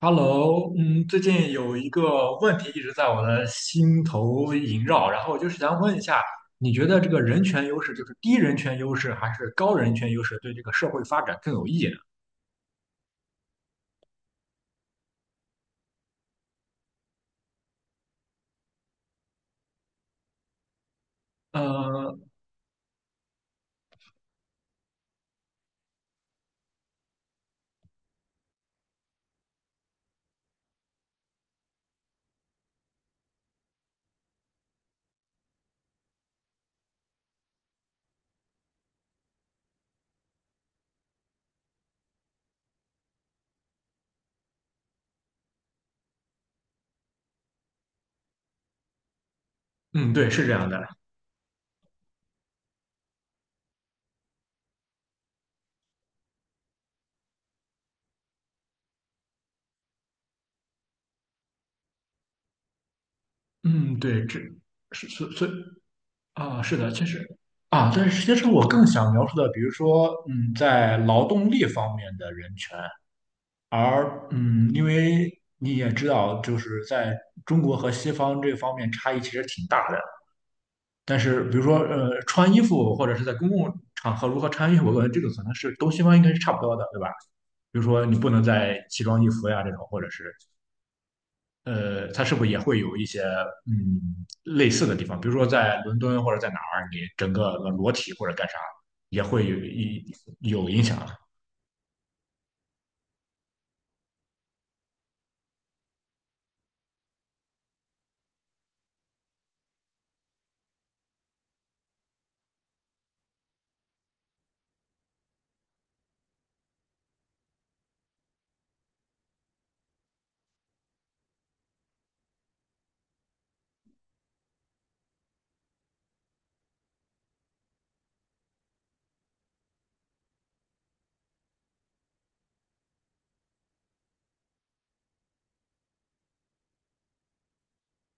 Hello，最近有一个问题一直在我的心头萦绕，然后就是想问一下，你觉得这个人权优势，就是低人权优势还是高人权优势，对这个社会发展更有益呢？呃，嗯，对，是这样的。嗯，对，这是啊，是的，其实啊，但是其实我更想描述的，比如说，嗯，在劳动力方面的人权，而因为你也知道，就是在中国和西方这方面差异其实挺大的。但是比如说穿衣服或者是在公共场合如何穿衣服，我感觉这个可能是东西方应该是差不多的，对吧？比如说你不能在奇装异服呀这种，或者是它是不是也会有一些类似的地方？比如说在伦敦或者在哪儿，你整个裸体或者干啥，也会有有影响。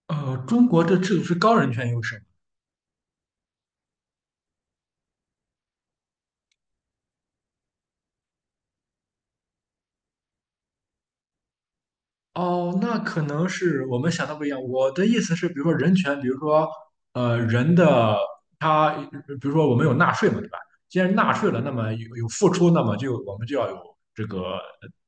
呃，中国的制度是高人权优势吗？哦，那可能是我们想的不一样。我的意思是，比如说人权，比如说呃人的他，比如说我们有纳税嘛，对吧？既然纳税了，那么有付出，那么我们就要有这个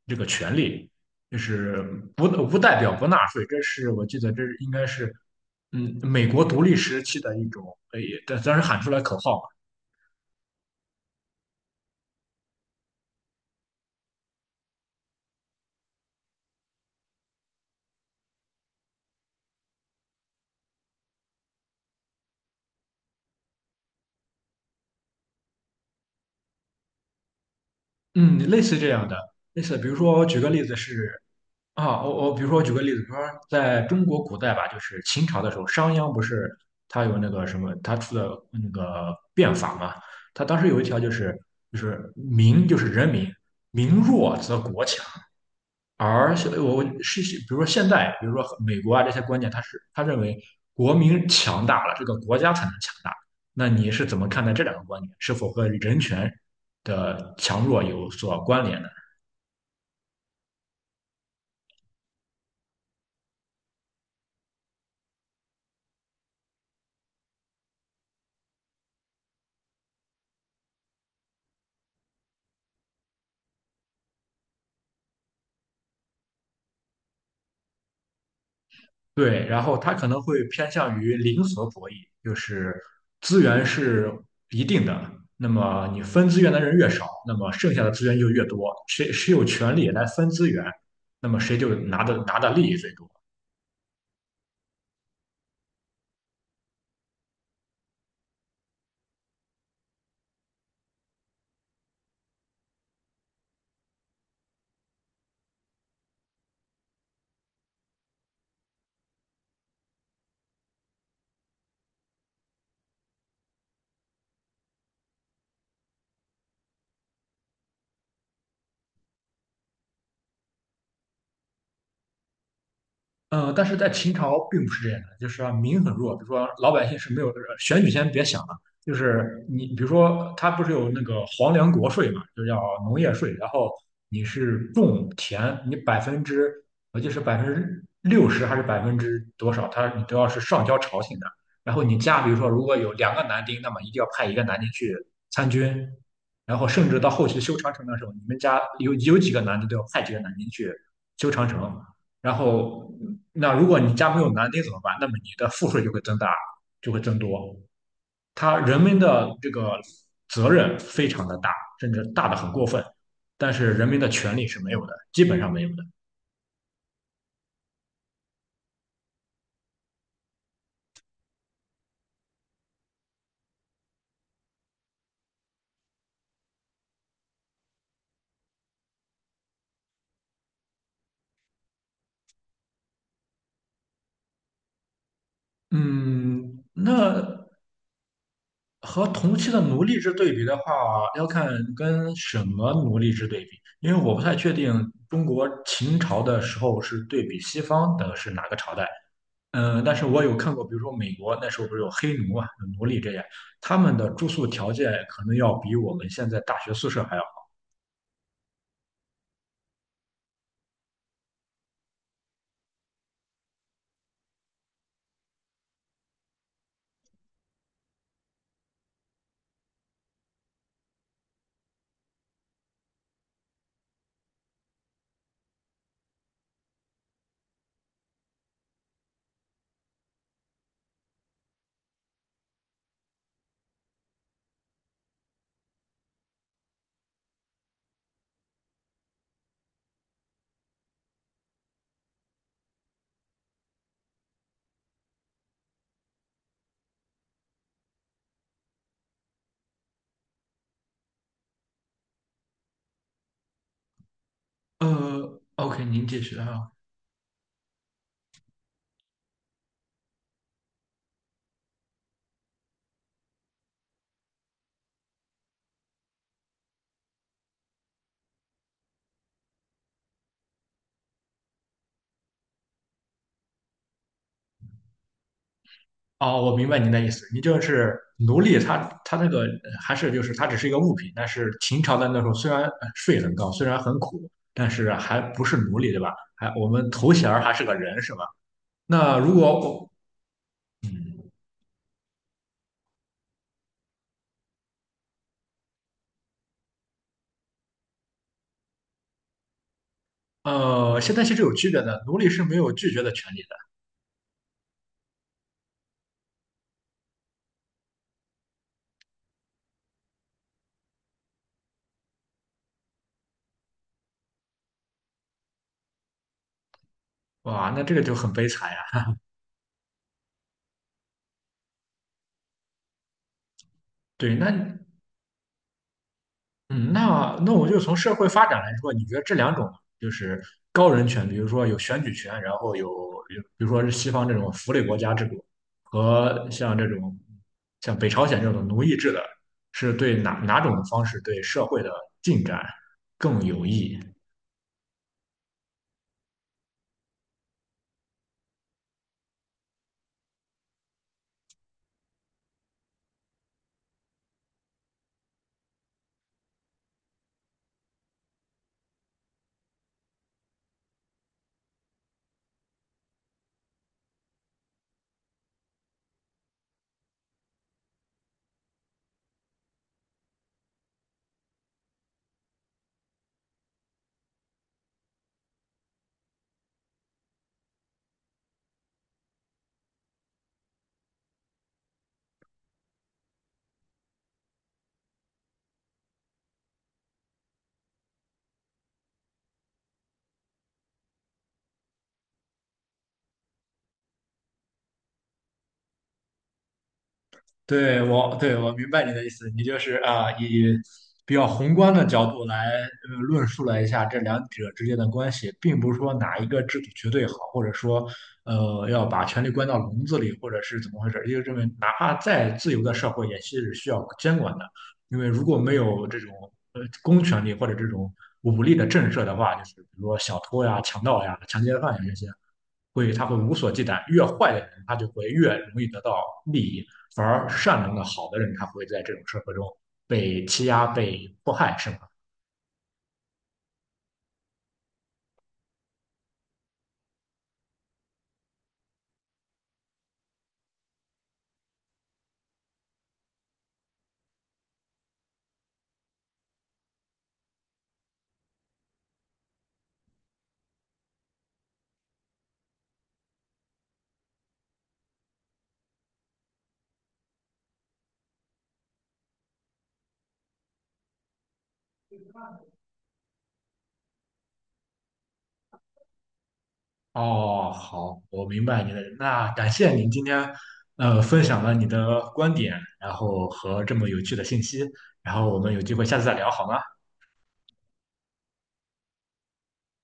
这个权利，就是不代表不纳税。这是我记得，这是应该是美国独立时期的一种，呃，也当时喊出来口号嘛。嗯，类似这样的，类似，比如说我举个例子是。啊，我比如说，我举个例子，比如说在中国古代吧，就是秦朝的时候，商鞅不是他有那个什么，他出的那个变法嘛，他当时有一条就是民就是人民，民弱则国强，而我是比如说现在，比如说美国啊这些观念，他是他认为国民强大了，这个国家才能强大。那你是怎么看待这两个观点？是否和人权的强弱有所关联呢？对，然后他可能会偏向于零和博弈，就是资源是一定的，那么你分资源的人越少，那么剩下的资源就越多，谁有权利来分资源，那么谁就拿的利益最多。呃，但是在秦朝并不是这样的，就是啊民很弱，比如说老百姓是没有选举先别想了，就是你比如说他不是有那个皇粮国税嘛，就叫农业税，然后你是种田，你百分之我记得是百分之六十还是百分之多少，他你都要是上交朝廷的，然后你家比如说如果有两个男丁，那么一定要派一个男丁去参军，然后甚至到后期修长城的时候，你们家有几个男的都要派几个男丁去修长城，然后，那如果你家没有男丁怎么办？那么你的赋税就会增大，就会增多。他人民的这个责任非常的大，甚至大的很过分，但是人民的权利是没有的，基本上没有的。嗯，那和同期的奴隶制对比的话，要看跟什么奴隶制对比，因为我不太确定中国秦朝的时候是对比西方的是哪个朝代。嗯，但是我有看过，比如说美国那时候不是有黑奴啊、有奴隶这些，他们的住宿条件可能要比我们现在大学宿舍还要好。呃，OK，您继续啊。哦，我明白您的意思，你就是奴隶他，他那个还是就是他只是一个物品，但是秦朝的那时候虽然税很高，虽然很苦，但是还不是奴隶，对吧？还我们头衔儿还是个人，是吧？那如果我，嗯，现在其实有区别的，奴隶是没有拒绝的权利的。哇，那这个就很悲惨呀。对，那嗯，那我就从社会发展来说，你觉得这两种就是高人权，比如说有选举权，然后有，比如说是西方这种福利国家制度，和像这种像北朝鲜这种奴役制的，是对哪种方式对社会的进展更有益？对我明白你的意思，你就是啊，以比较宏观的角度来论述了一下这两者之间的关系，并不是说哪一个制度绝对好，或者说要把权力关到笼子里，或者是怎么回事儿，因为认为哪怕再自由的社会也是需要监管的，因为如果没有这种公权力或者这种武力的震慑的话，就是比如说小偷呀、强盗呀、强奸犯呀这些。会他会无所忌惮，越坏的人他就会越容易得到利益，反而善良的好的人他会在这种社会中被欺压、被迫害，是吗？哦，好，我明白你的。那感谢您今天分享了你的观点，然后和这么有趣的信息，然后我们有机会下次再聊好吗？